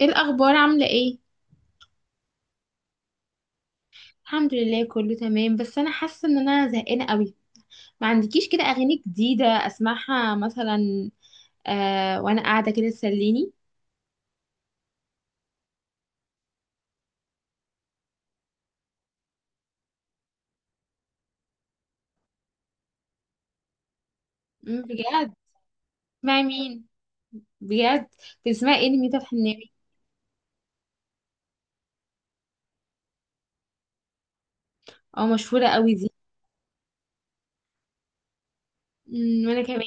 ايه الاخبار؟ عامله ايه؟ الحمد لله كله تمام، بس انا حاسه ان انا زهقانه قوي. ما عندكيش كده اغاني جديده اسمعها مثلا؟ وانا قاعده كده تسليني. بجد؟ مع مين؟ بجد؟ بتسمعي ايه لميتة الحناوي؟ او مشهوره قوي دي. وانا كمان.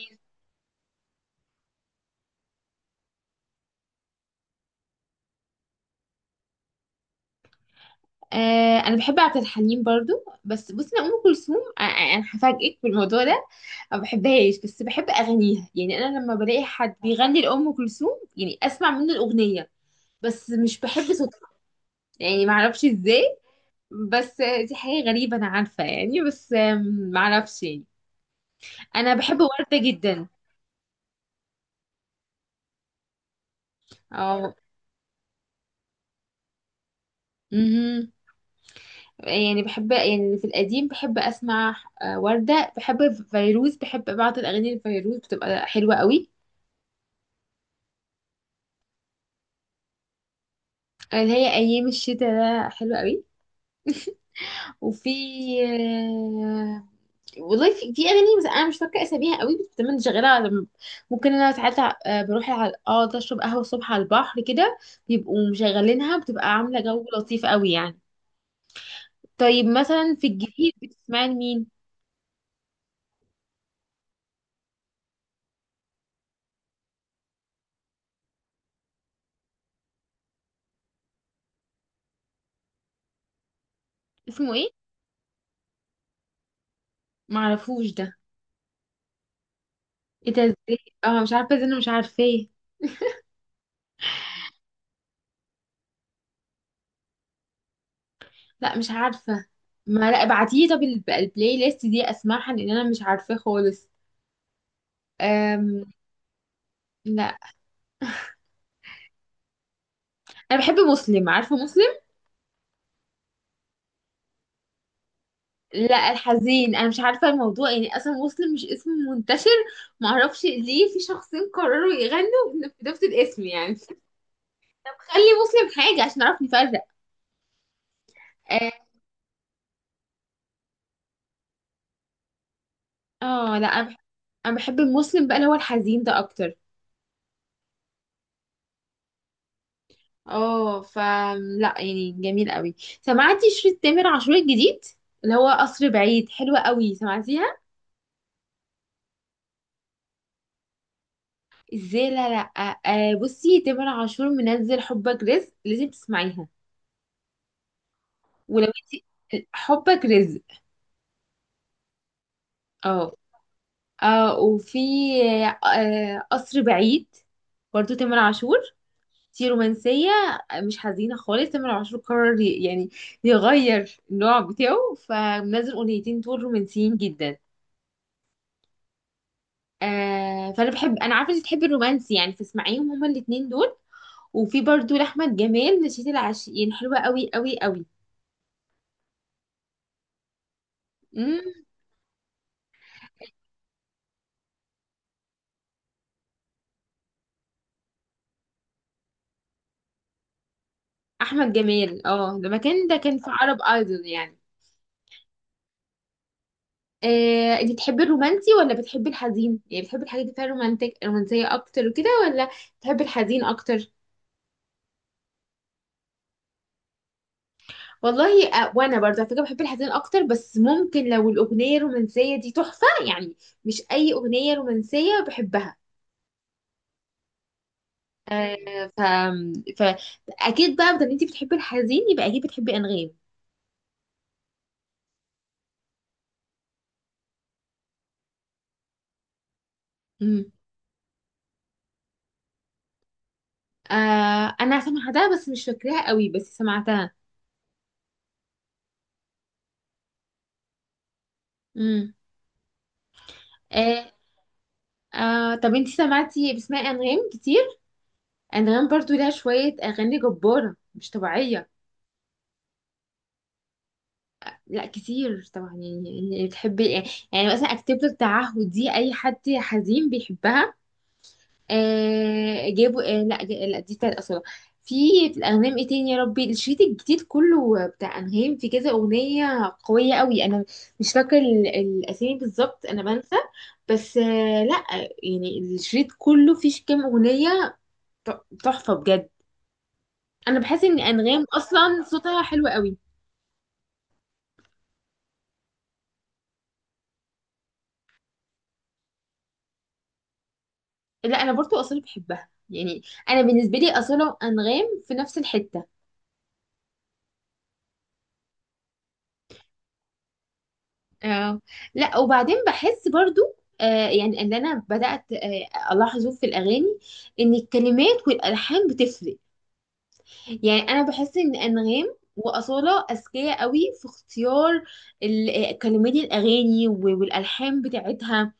انا بحب عبد الحليم برضو. بس بصي، انا ام كلثوم انا هفاجئك بالموضوع ده. ما بحبهاش، بس بحب اغانيها. يعني انا لما بلاقي حد بيغني لام كلثوم، يعني اسمع منه الاغنيه. بس مش بحب، يعني معرفش ازاي. بس، دي حاجة غريبة أنا عارفة يعني، بس معرفش يعني. أنا بحب وردة جدا. أو. مهم. يعني بحب، يعني في القديم بحب أسمع. وردة بحب. فيروز بحب، بعض الأغاني الفيروز بتبقى حلوة قوي. اللي هي أيام الشتاء ده حلوة قوي. وفي. آه، والله في اغاني، بس انا مش فاكره اساميها قوي، بس دايما شغاله ممكن انا ساعات. بروح اقعد اشرب قهوه الصبح على البحر كده، بيبقوا مشغلينها، بتبقى عامله جو لطيف قوي يعني. طيب مثلا في الجديد بتسمعي لمين؟ اسمه ايه؟ معرفوش ده. ايه ده؟ ازاي؟ اه مش عارفه ازاي، انا مش عارفاه. لا مش عارفه. ما لا ابعتيه، طب البلاي ليست دي اسمعها لان انا مش عارفاه خالص. أم... لا، انا بحب مسلم. عارفه مسلم؟ لا، الحزين. انا مش عارفه الموضوع يعني، اصلا مسلم مش اسم منتشر. معرفش ليه في شخصين قرروا يغنوا بنفس الاسم يعني. طب خلي مسلم حاجه عشان نعرف نفرق. اه. لا انا أنا بحب المسلم بقى اللي هو الحزين ده اكتر. اه، لا يعني جميل قوي. سمعتي شريط تامر عاشور الجديد؟ اللي هو قصر بعيد، حلوة قوي، سمعتيها؟ ازاي؟ لا لا، بصي، تامر عاشور منزل حبك رزق، لازم تسمعيها. ولو انتي... حبك رزق. اه. وفي، قصر بعيد، برضو تامر عاشور. دي رومانسية، مش حزينة خالص. تامر عاشور قرر يعني يغير النوع بتاعه، فمنزل أغنيتين دول رومانسيين جدا. فأنا بحب، أنا عارفة إنك بتحبي الرومانسي يعني، فاسمعيهم هما الاتنين دول. وفي برضو لأحمد جمال نشيد العاشقين، حلوة قوي قوي قوي. مم. أحمد جمال، اه، ده مكان، ده كان في عرب ايدول يعني. انت بتحبي الرومانسي ولا بتحبي الحزين؟ يعني بتحبي الحاجات اللي فيها رومانتك، رومانسية اكتر وكده، ولا بتحبي الحزين اكتر؟ والله وانا برضه على فكرة بحب الحزين اكتر، بس ممكن لو الاغنية الرومانسية دي تحفة يعني، مش اي اغنية رومانسية بحبها. آه، ف... ف اكيد بقى، بدل انت بتحبي الحزين يبقى اكيد بتحبي انغام. امم. انا سمعتها، بس مش فاكراها قوي، بس سمعتها. امم. آه طب انت سمعتي، بتسمعي انغام كتير؟ انغام برضو لها شوية اغاني جبارة مش طبيعية. لا كتير طبعا يعني. يعني بتحب، يعني مثلا اكتب لك تعهد، دي اي حد حزين بيحبها. جابوا، لا لا دي بتاعت اصلا. في في الانغام ايه تاني يا ربي؟ الشريط الجديد كله بتاع انغام، في كذا اغنية قوية قوي. انا مش فاكر الاسامي بالظبط، انا بنسى. بس لا، يعني الشريط كله فيه كام اغنية تحفة بجد. انا بحس ان انغام اصلا صوتها حلو قوي. لا انا برضو اصاله بحبها يعني. انا بالنسبه لي اصاله انغام في نفس الحته. اه. لا وبعدين بحس برضو يعني ان انا بدات الاحظه في الاغاني، ان الكلمات والالحان بتفرق. يعني انا بحس ان انغام واصاله اذكياء قوي في اختيار كلمات الاغاني والالحان بتاعتها.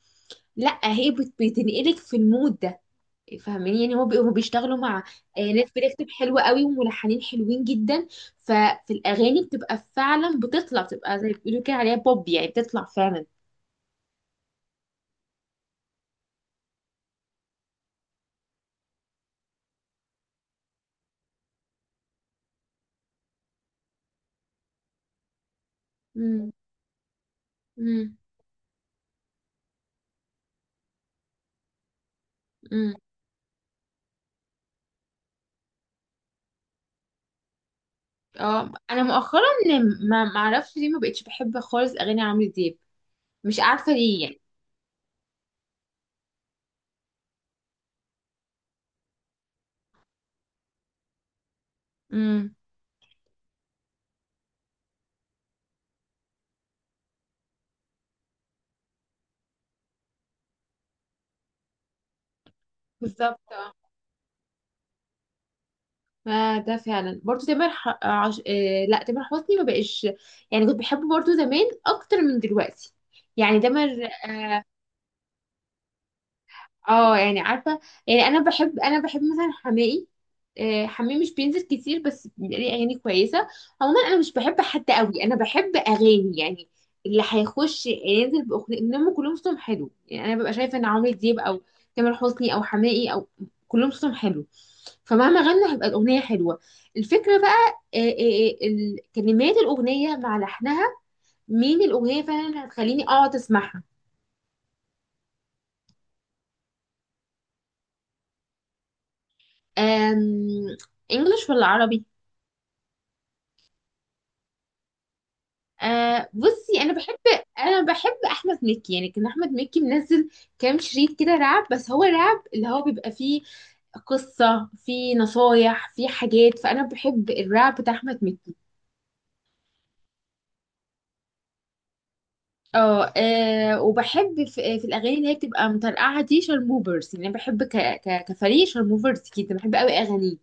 لا هي بتنقلك في المود ده، فاهمين؟ يعني هو بيشتغلوا مع ناس بتكتب حلوة قوي وملحنين حلوين جدا. ففي الأغاني بتبقى فعلا، بتطلع بتبقى زي ما بيقولوا كده عليها بوب، يعني بتطلع فعلا. مم. مم. مم. اه، انا مؤخرا ما اعرفش ليه ما بقتش بحب خالص اغاني عمرو دياب. مش عارفه ليه يعني. امم. بالظبط اه. ما ده فعلا برضو. تامر ح... آه، عش... آه لا تامر حسني ما بقاش، يعني كنت بحبه برضو زمان اكتر من دلوقتي. يعني تامر، آه، اه يعني عارفه. يعني انا بحب مثلا حماقي. حماقي مش بينزل كتير، بس ليه اغاني كويسه. عموما انا مش بحب حد قوي، انا بحب اغاني يعني اللي هيخش ينزل باغنيه. انهم كلهم صوتهم حلو يعني، انا ببقى شايفه ان عمرو دياب، او تامر حسني، او حماقي، او كلهم صوتهم حلو، فمهما غنوا هيبقى الاغنيه حلوه. الفكره بقى كلمات الاغنيه مع لحنها، مين الاغنيه فعلا اللي هتخليني اقعد اسمعها. أم... انجلش ولا عربي؟ بصي، انا بحب احمد مكي. يعني كان احمد مكي منزل كام شريط كده رعب، بس هو رعب اللي هو بيبقى فيه قصة، فيه نصايح، فيه حاجات. فانا بحب الرعب بتاع احمد مكي. اه. وبحب في الاغاني اللي هي بتبقى مترقعة دي، شارموفرز. يعني أنا بحب كفريق شارموفرز كده، بحب قوي اغانيه.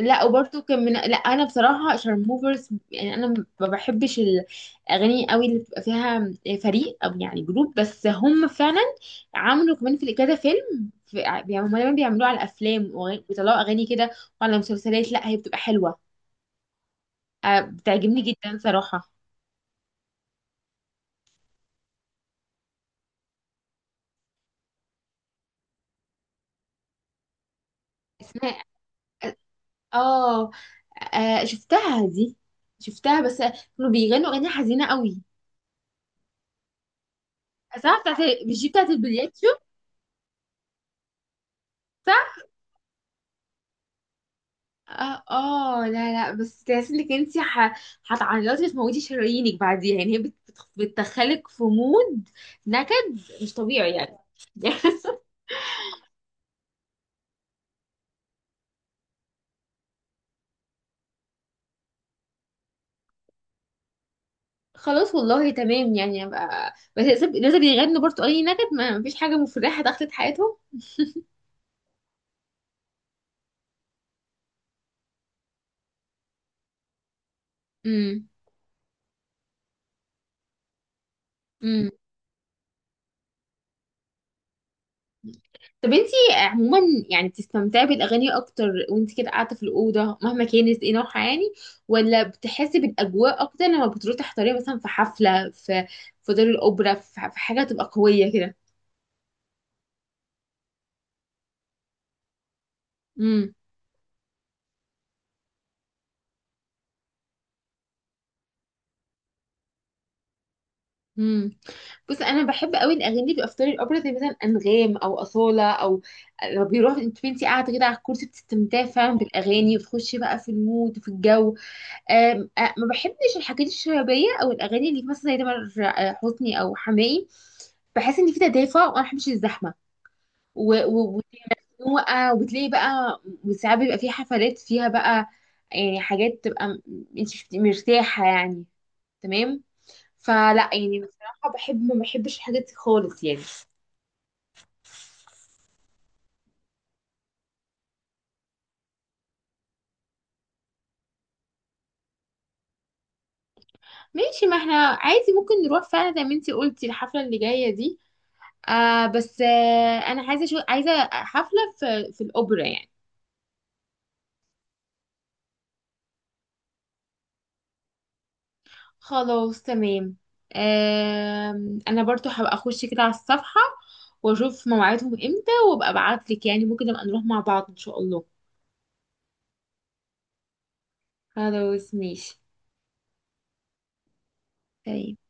لا وبرده كان من... لا انا بصراحه شارموفرز يعني، انا ما بحبش الاغاني قوي اللي بتبقى فيها فريق، او يعني جروب. بس هم فعلا عملوا كمان في كذا فيلم. يعني هم دايما بيعملوه على افلام، ويطلعوا اغاني كده، وعلى مسلسلات. لا هي بتبقى حلوه، بتعجبني جدا صراحه. اسمها... اه. آه، شفتها دي، شفتها، بس كانوا بيغنوا اغاني حزينه قوي. صح، بتاعت... مش دي بتاعت البليات شو؟ صح. اه اه، لا لا، بس تحس انك انت هتعيطي وتموتي شرايينك بعديها، يعني هي بتدخلك في مود نكد مش طبيعي يعني. خلاص والله تمام. يعني ابقى، بس لازم لازم يغنوا برضو اي نكد، ما مفيش حاجه مفرحه دخلت حياتهم. امم. امم. طب انتي عموما، يعني بتستمتعي بالاغاني اكتر وانتي كده قاعده في الاوضه مهما كانت ايه نوعها يعني، ولا بتحسي بالاجواء اكتر لما بتروحي تحضري مثلا في حفله في دار الاوبرا في حاجه تبقى قويه كده؟ امم. بص، انا بحب قوي الاغاني اللي بيبقى في طريق الاوبرا، زي مثلا انغام او اصاله. او لو بيروح انت، قاعده كده على الكرسي، بتستمتعي فعلا بالاغاني، وتخشي بقى في المود وفي الجو. آم، آه، ما بحبش الحاجات الشبابيه، او الاغاني اللي مثلا زي تامر حسني او حماقي. بحس ان في تدافع وانا ما بحبش الزحمه. و- و- والزنوقه، وبتلاقي بقى وساعات بيبقى في حفلات فيها بقى يعني حاجات تبقى، انت مش بتبقي مرتاحه يعني. تمام. فلا يعني بصراحة بحب، ما بحبش الحاجات دي خالص يعني. ماشي، ما احنا عادي ممكن نروح فعلا زي ما انتي قلتي الحفلة اللي جاية دي. بس انا عايزة، شو عايزة حفلة في الأوبرا يعني. خلاص تمام. آه انا برضو هبقى اخش كده على الصفحة واشوف مواعيدهم امتى وابقى ابعتلك. يعني ممكن نبقى نروح مع بعض ان شاء الله. خلاص ماشي. تمام.